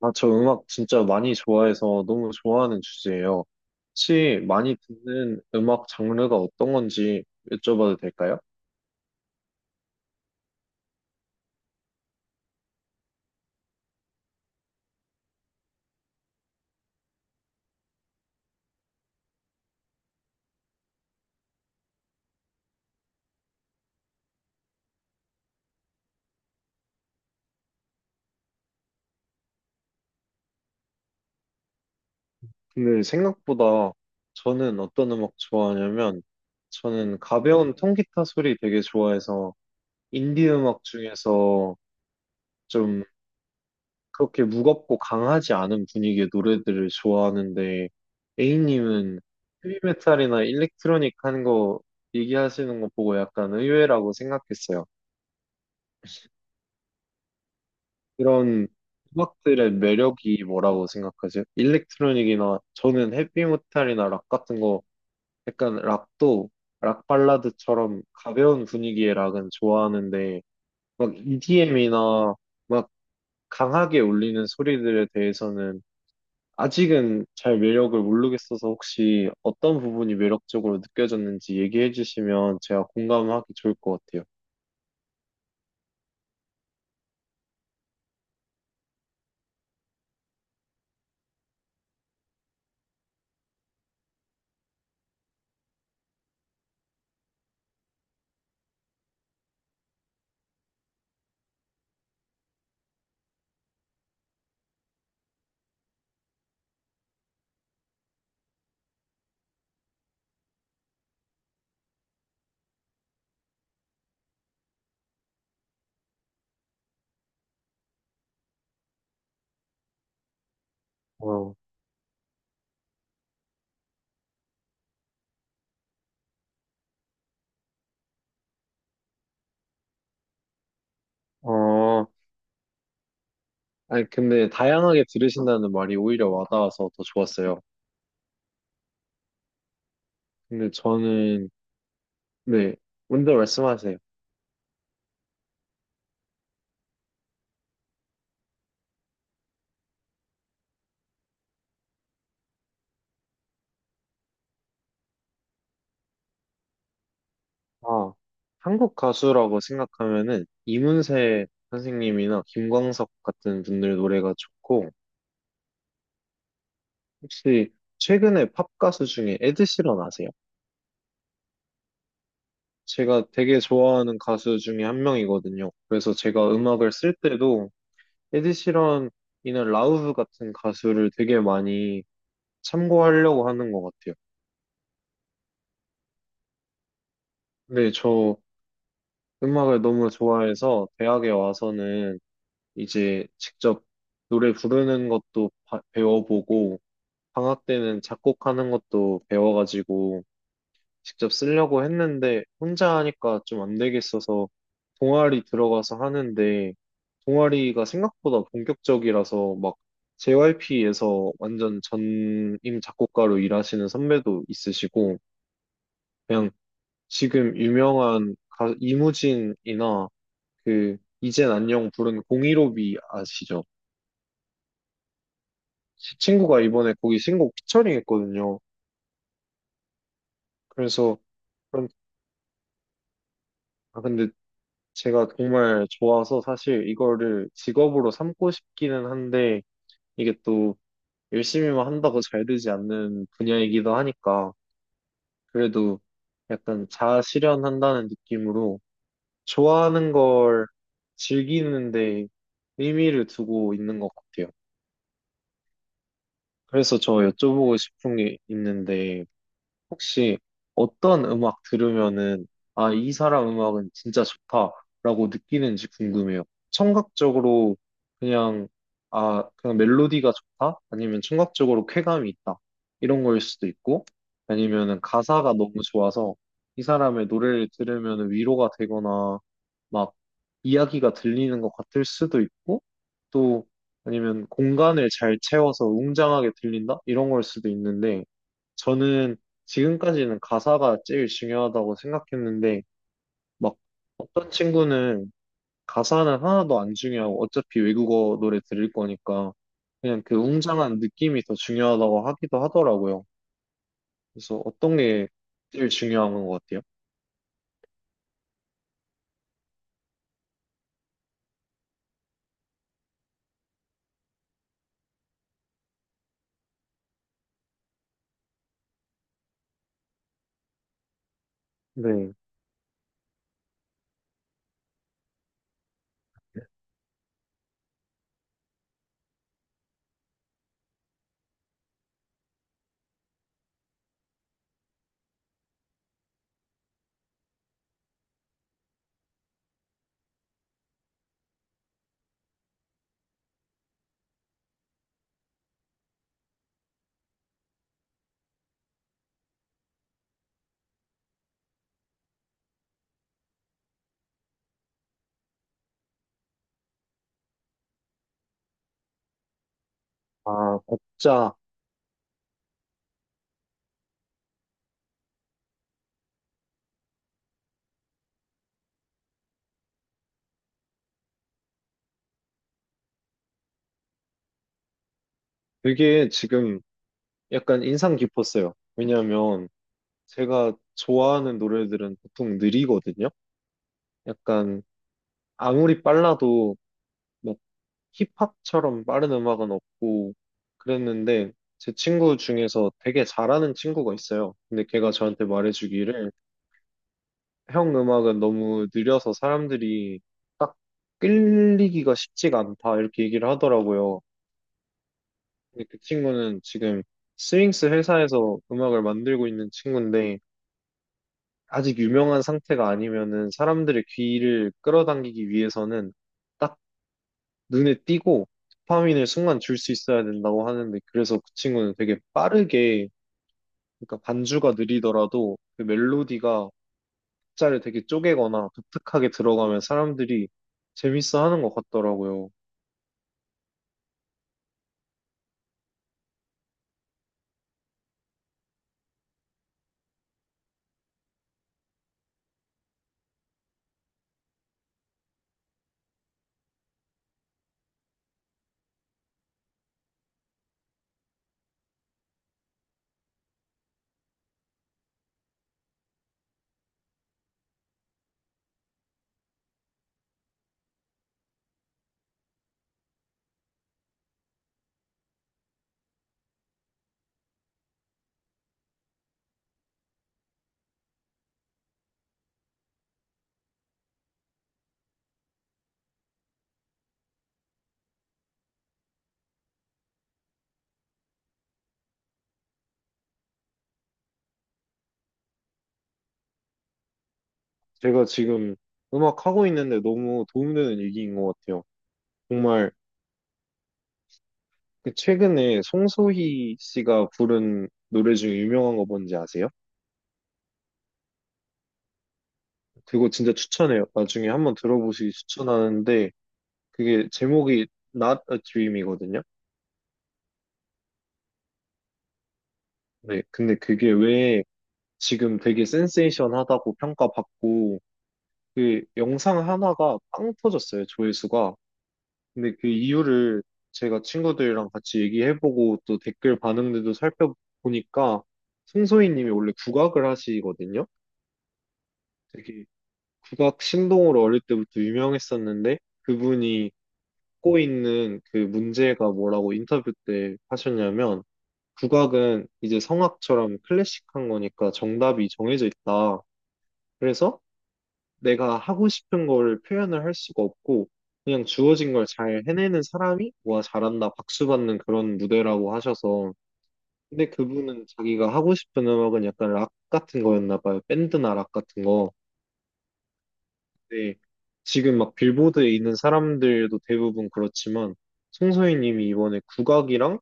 아, 저 음악 진짜 많이 좋아해서 너무 좋아하는 주제예요. 혹시 많이 듣는 음악 장르가 어떤 건지 여쭤봐도 될까요? 근데 생각보다 저는 어떤 음악 좋아하냐면, 저는 가벼운 통기타 소리 되게 좋아해서 인디 음악 중에서 좀 그렇게 무겁고 강하지 않은 분위기의 노래들을 좋아하는데, A님은 헤비메탈이나 일렉트로닉 하는 거 얘기하시는 거 보고 약간 의외라고 생각했어요. 이런 음악들의 매력이 뭐라고 생각하세요? 일렉트로닉이나, 저는 헤비메탈이나 락 같은 거, 약간 락도, 락 발라드처럼 가벼운 분위기의 락은 좋아하는데 막 EDM이나 막 강하게 울리는 소리들에 대해서는 아직은 잘 매력을 모르겠어서, 혹시 어떤 부분이 매력적으로 느껴졌는지 얘기해 주시면 제가 공감하기 좋을 것 같아요. 어, 어, 아니, 근데 다양하게 들으신다는 말이 오히려 와닿아서 더 좋았어요. 근데 저는, 네, 먼저 말씀하세요. 아, 한국 가수라고 생각하면은 이문세 선생님이나 김광석 같은 분들 노래가 좋고, 혹시 최근에 팝 가수 중에 에드시런 아세요? 제가 되게 좋아하는 가수 중에 한 명이거든요. 그래서 제가 음악을 쓸 때도 에드시런이나 라우브 같은 가수를 되게 많이 참고하려고 하는 것 같아요. 네, 저 음악을 너무 좋아해서 대학에 와서는 이제 직접 노래 부르는 것도 배워보고 방학 때는 작곡하는 것도 배워가지고 직접 쓰려고 했는데, 혼자 하니까 좀 안 되겠어서 동아리 들어가서 하는데, 동아리가 생각보다 본격적이라서 막 JYP에서 완전 전임 작곡가로 일하시는 선배도 있으시고, 그냥 지금 유명한 이무진이나 그 이젠 안녕 부른 015B 아시죠? 제 친구가 이번에 거기 신곡 피처링 했거든요. 그래서 그런 아, 근데 제가 정말 좋아서 사실 이거를 직업으로 삼고 싶기는 한데, 이게 또 열심히만 한다고 잘 되지 않는 분야이기도 하니까, 그래도 약간 자아실현한다는 느낌으로 좋아하는 걸 즐기는데 의미를 두고 있는 것 같아요. 그래서 저 여쭤보고 싶은 게 있는데, 혹시 어떤 음악 들으면은, 아, 이 사람 음악은 진짜 좋다라고 느끼는지 궁금해요. 청각적으로 그냥, 아, 그냥 멜로디가 좋다? 아니면 청각적으로 쾌감이 있다? 이런 거일 수도 있고, 아니면은 가사가 너무 좋아서 이 사람의 노래를 들으면 위로가 되거나, 막 이야기가 들리는 것 같을 수도 있고, 또 아니면 공간을 잘 채워서 웅장하게 들린다? 이런 걸 수도 있는데, 저는 지금까지는 가사가 제일 중요하다고 생각했는데, 막 어떤 친구는 가사는 하나도 안 중요하고 어차피 외국어 노래 들을 거니까 그냥 그 웅장한 느낌이 더 중요하다고 하기도 하더라고요. 그래서 어떤 게 제일 중요한 것 같아요? 네. 아, 박자. 되게 지금 약간 인상 깊었어요. 왜냐하면 제가 좋아하는 노래들은 보통 느리거든요. 약간 아무리 빨라도 힙합처럼 빠른 음악은 없고 그랬는데, 제 친구 중에서 되게 잘하는 친구가 있어요. 근데 걔가 저한테 말해주기를, 형 음악은 너무 느려서 사람들이 딱 끌리기가 쉽지가 않다, 이렇게 얘기를 하더라고요. 근데 그 친구는 지금 스윙스 회사에서 음악을 만들고 있는 친구인데, 아직 유명한 상태가 아니면은 사람들의 귀를 끌어당기기 위해서는 딱 눈에 띄고 도파민을 순간 줄 수 있어야 된다고 하는데, 그래서 그 친구는 되게 빠르게, 그러니까 반주가 느리더라도 그 멜로디가 박자를 되게 쪼개거나 독특하게 들어가면 사람들이 재밌어 하는 것 같더라고요. 제가 지금 음악 하고 있는데 너무 도움되는 얘기인 것 같아요. 정말. 그 최근에 송소희 씨가 부른 노래 중에 유명한 거 뭔지 아세요? 그거 진짜 추천해요. 나중에 한번 들어보시기 추천하는데, 그게 제목이 Not a Dream이거든요. 네, 근데 그게 왜 지금 되게 센세이션하다고 평가받고 그 영상 하나가 빵 터졌어요, 조회수가. 근데 그 이유를 제가 친구들이랑 같이 얘기해보고 또 댓글 반응들도 살펴보니까, 송소희님이 원래 국악을 하시거든요. 되게 국악 신동으로 어릴 때부터 유명했었는데, 그분이 갖고 있는 그 문제가 뭐라고 인터뷰 때 하셨냐면, 국악은 이제 성악처럼 클래식한 거니까 정답이 정해져 있다. 그래서 내가 하고 싶은 거를 표현을 할 수가 없고, 그냥 주어진 걸 잘 해내는 사람이 와 잘한다 박수 받는 그런 무대라고 하셔서. 근데 그분은 자기가 하고 싶은 음악은 약간 락 같은 거였나 봐요. 밴드나 락 같은 거. 근데 지금 막 빌보드에 있는 사람들도 대부분 그렇지만, 송소희님이 이번에 국악이랑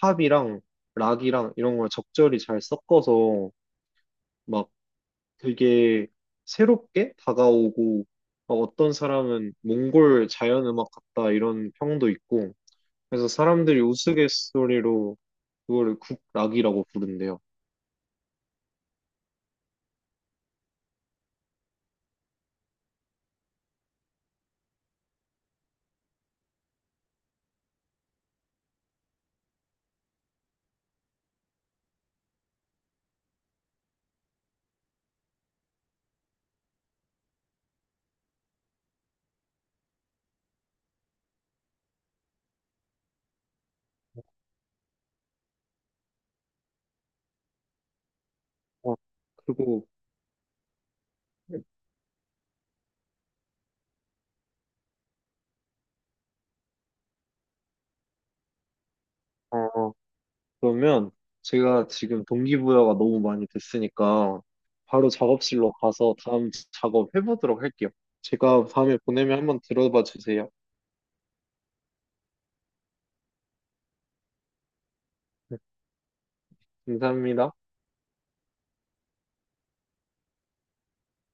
팝이랑 락이랑 이런 걸 적절히 잘 섞어서 막 되게 새롭게 다가오고, 어, 어떤 사람은 몽골 자연음악 같다 이런 평도 있고. 그래서 사람들이 우스갯소리로 그거를 국락이라고 부른대요. 어, 그리고 어, 그러면 제가 지금 동기부여가 너무 많이 됐으니까 바로 작업실로 가서 다음 작업 해보도록 할게요. 제가 밤에 보내면 한번 들어봐 주세요. 네, 감사합니다.